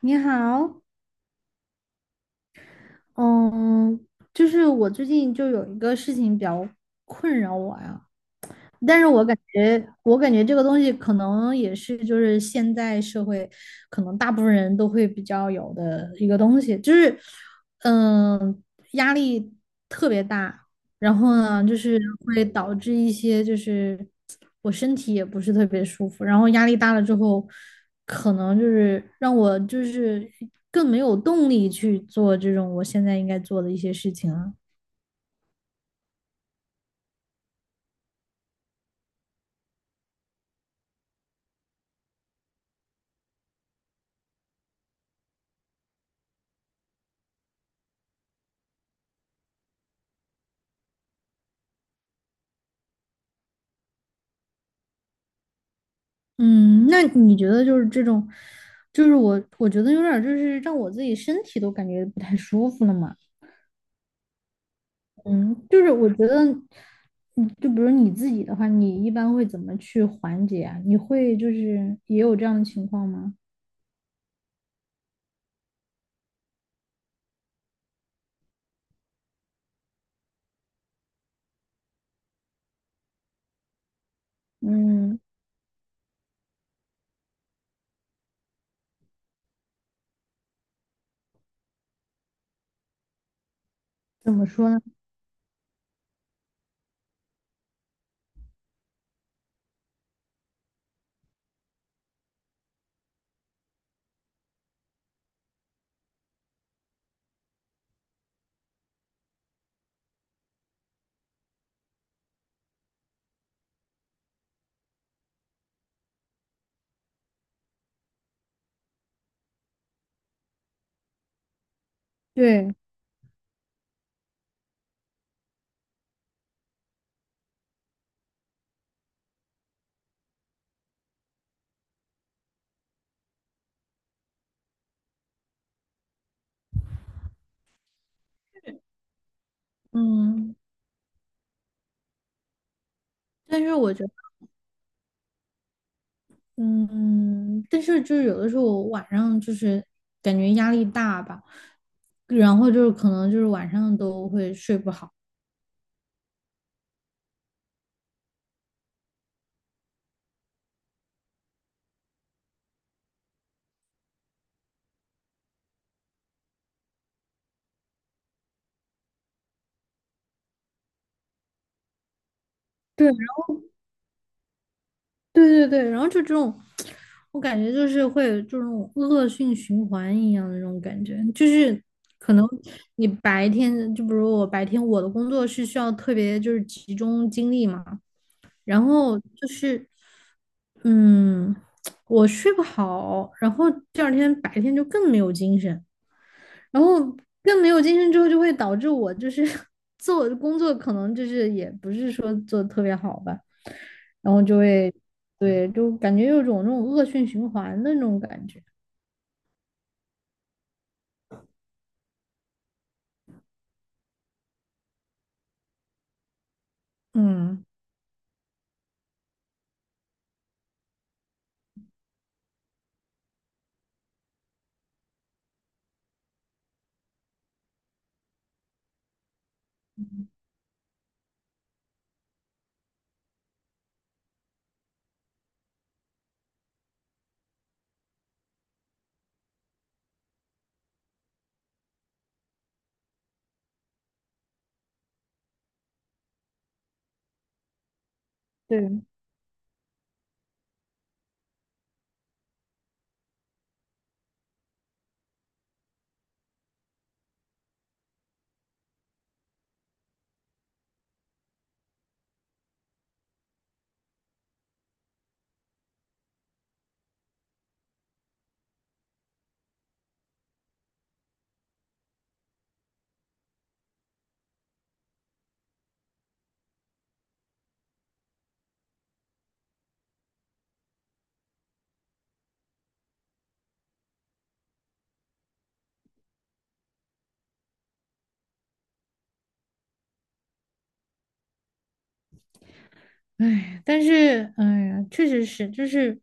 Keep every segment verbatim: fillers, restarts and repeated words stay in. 你好，嗯，就是我最近就有一个事情比较困扰我呀，但是我感觉，我感觉这个东西可能也是，就是现在社会可能大部分人都会比较有的一个东西，就是，嗯，压力特别大，然后呢，就是会导致一些，就是我身体也不是特别舒服，然后压力大了之后，可能就是让我就是更没有动力去做这种我现在应该做的一些事情了。嗯，那你觉得就是这种，就是我我觉得有点儿就是让我自己身体都感觉不太舒服了嘛。嗯，就是我觉得，嗯，就比如你自己的话，你一般会怎么去缓解啊？你会就是也有这样的情况吗？嗯，怎么说呢？对，嗯，但是我觉得，嗯，但是就是有的时候我晚上就是感觉压力大吧，然后就是可能就是晚上都会睡不好。对。对对对，然后就这种，我感觉就是会有这种恶性循环一样的那种感觉，就是可能你白天，就比如我白天我的工作是需要特别就是集中精力嘛，然后就是嗯，我睡不好，然后第二天白天就更没有精神。然后更没有精神之后，就会导致我就是 做工作可能就是也不是说做的特别好吧，然后就会对，就感觉有种那种恶性循环的那种感觉。嗯，对，哎，但是哎呀，确实是，就是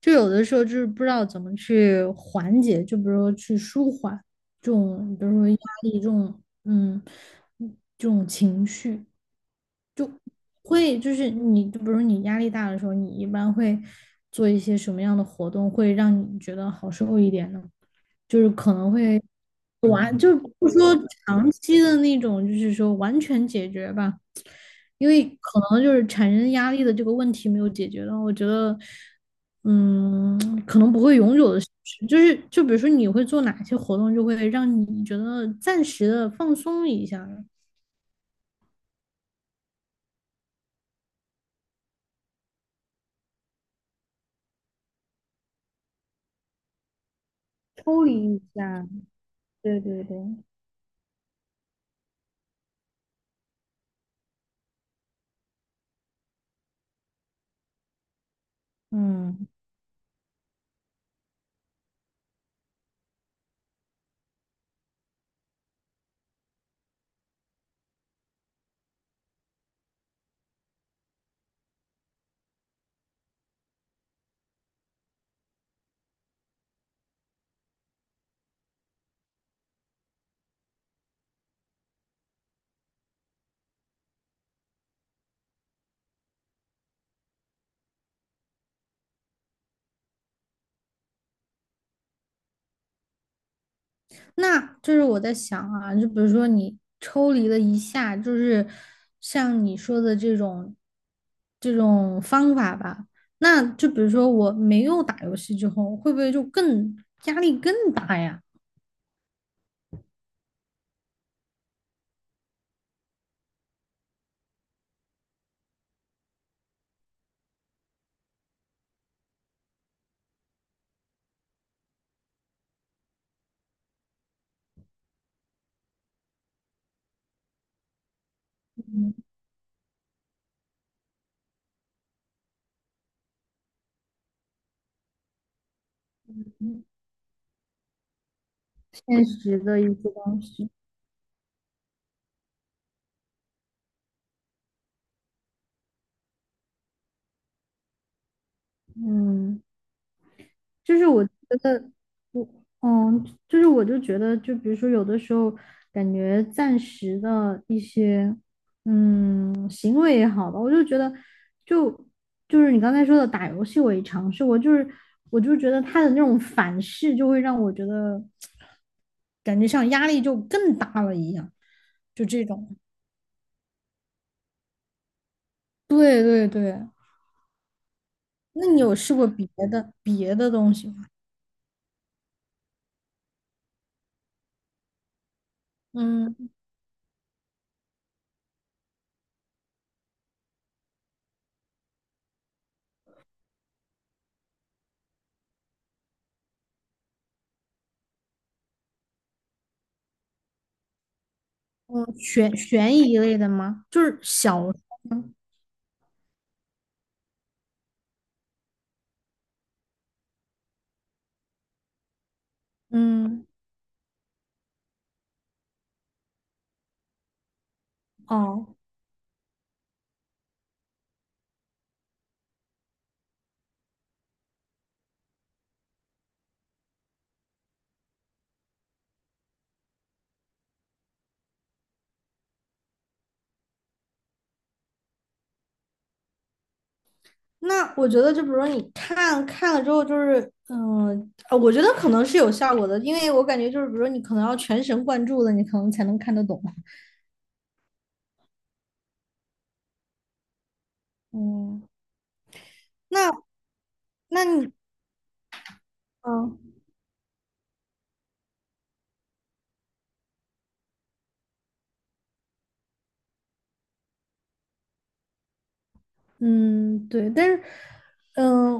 就有的时候就是不知道怎么去缓解，就比如说去舒缓这种，比如说压力这种，嗯，这种情绪。会就是你，就比如你压力大的时候，你一般会做一些什么样的活动，会让你觉得好受一点呢？就是可能会完，就不说长期的那种，就是说完全解决吧，因为可能就是产生压力的这个问题没有解决到，我觉得，嗯，可能不会永久的消失。就是就比如说你会做哪些活动，就会让你觉得暂时的放松一下，抽离一下。对对对。嗯，那就是我在想啊，就比如说你抽离了一下，就是像你说的这种这种方法吧，那就比如说我没有打游戏之后，会不会就更压力更大呀？嗯，现实的一些东西，嗯。就是我觉得，我嗯，就是我就觉得，就比如说有的时候感觉暂时的一些嗯行为也好吧，我就觉得就就是你刚才说的打游戏，我也尝试过，就是我就觉得他的那种反噬就会让我觉得感觉像压力就更大了一样，就这种。对对对，那你有试过别的别的东西吗？嗯，嗯，悬悬疑类的吗？就是小嗯，哦，那我觉得就比如说你看看了之后，就是嗯、呃我觉得可能是有效果的，因为我感觉就是比如说你可能要全神贯注的，你可能才能看得懂。嗯，那那你嗯嗯对，但是嗯、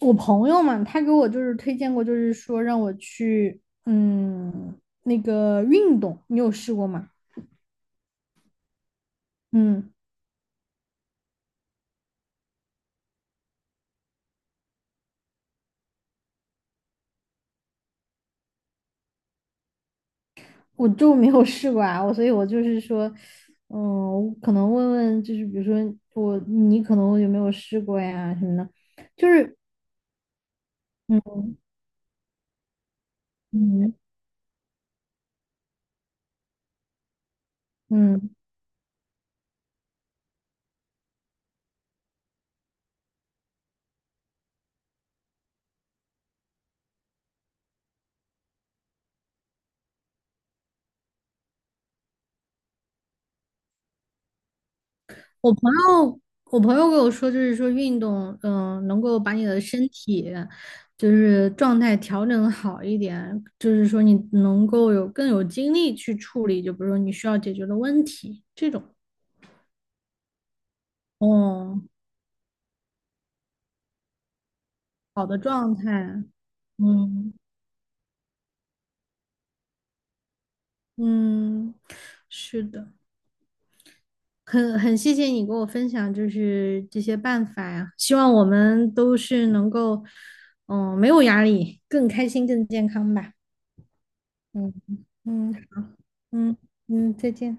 我朋友嘛，他给我就是推荐过，就是说让我去嗯那个运动，你有试过吗？嗯。我就没有试过啊，我所以我就是说，嗯，我可能问问，就是比如说我你可能有没有试过呀什么的，就是嗯嗯嗯，我朋友我朋友跟我说，就是说运动，嗯，能够把你的身体就是状态调整好一点，就是说你能够有更有精力去处理，就比如说你需要解决的问题这种，哦，好的状态，嗯嗯，是的。很很谢谢你给我分享，就是这些办法呀，希望我们都是能够，嗯，没有压力，更开心、更健康吧。嗯嗯嗯嗯，再见。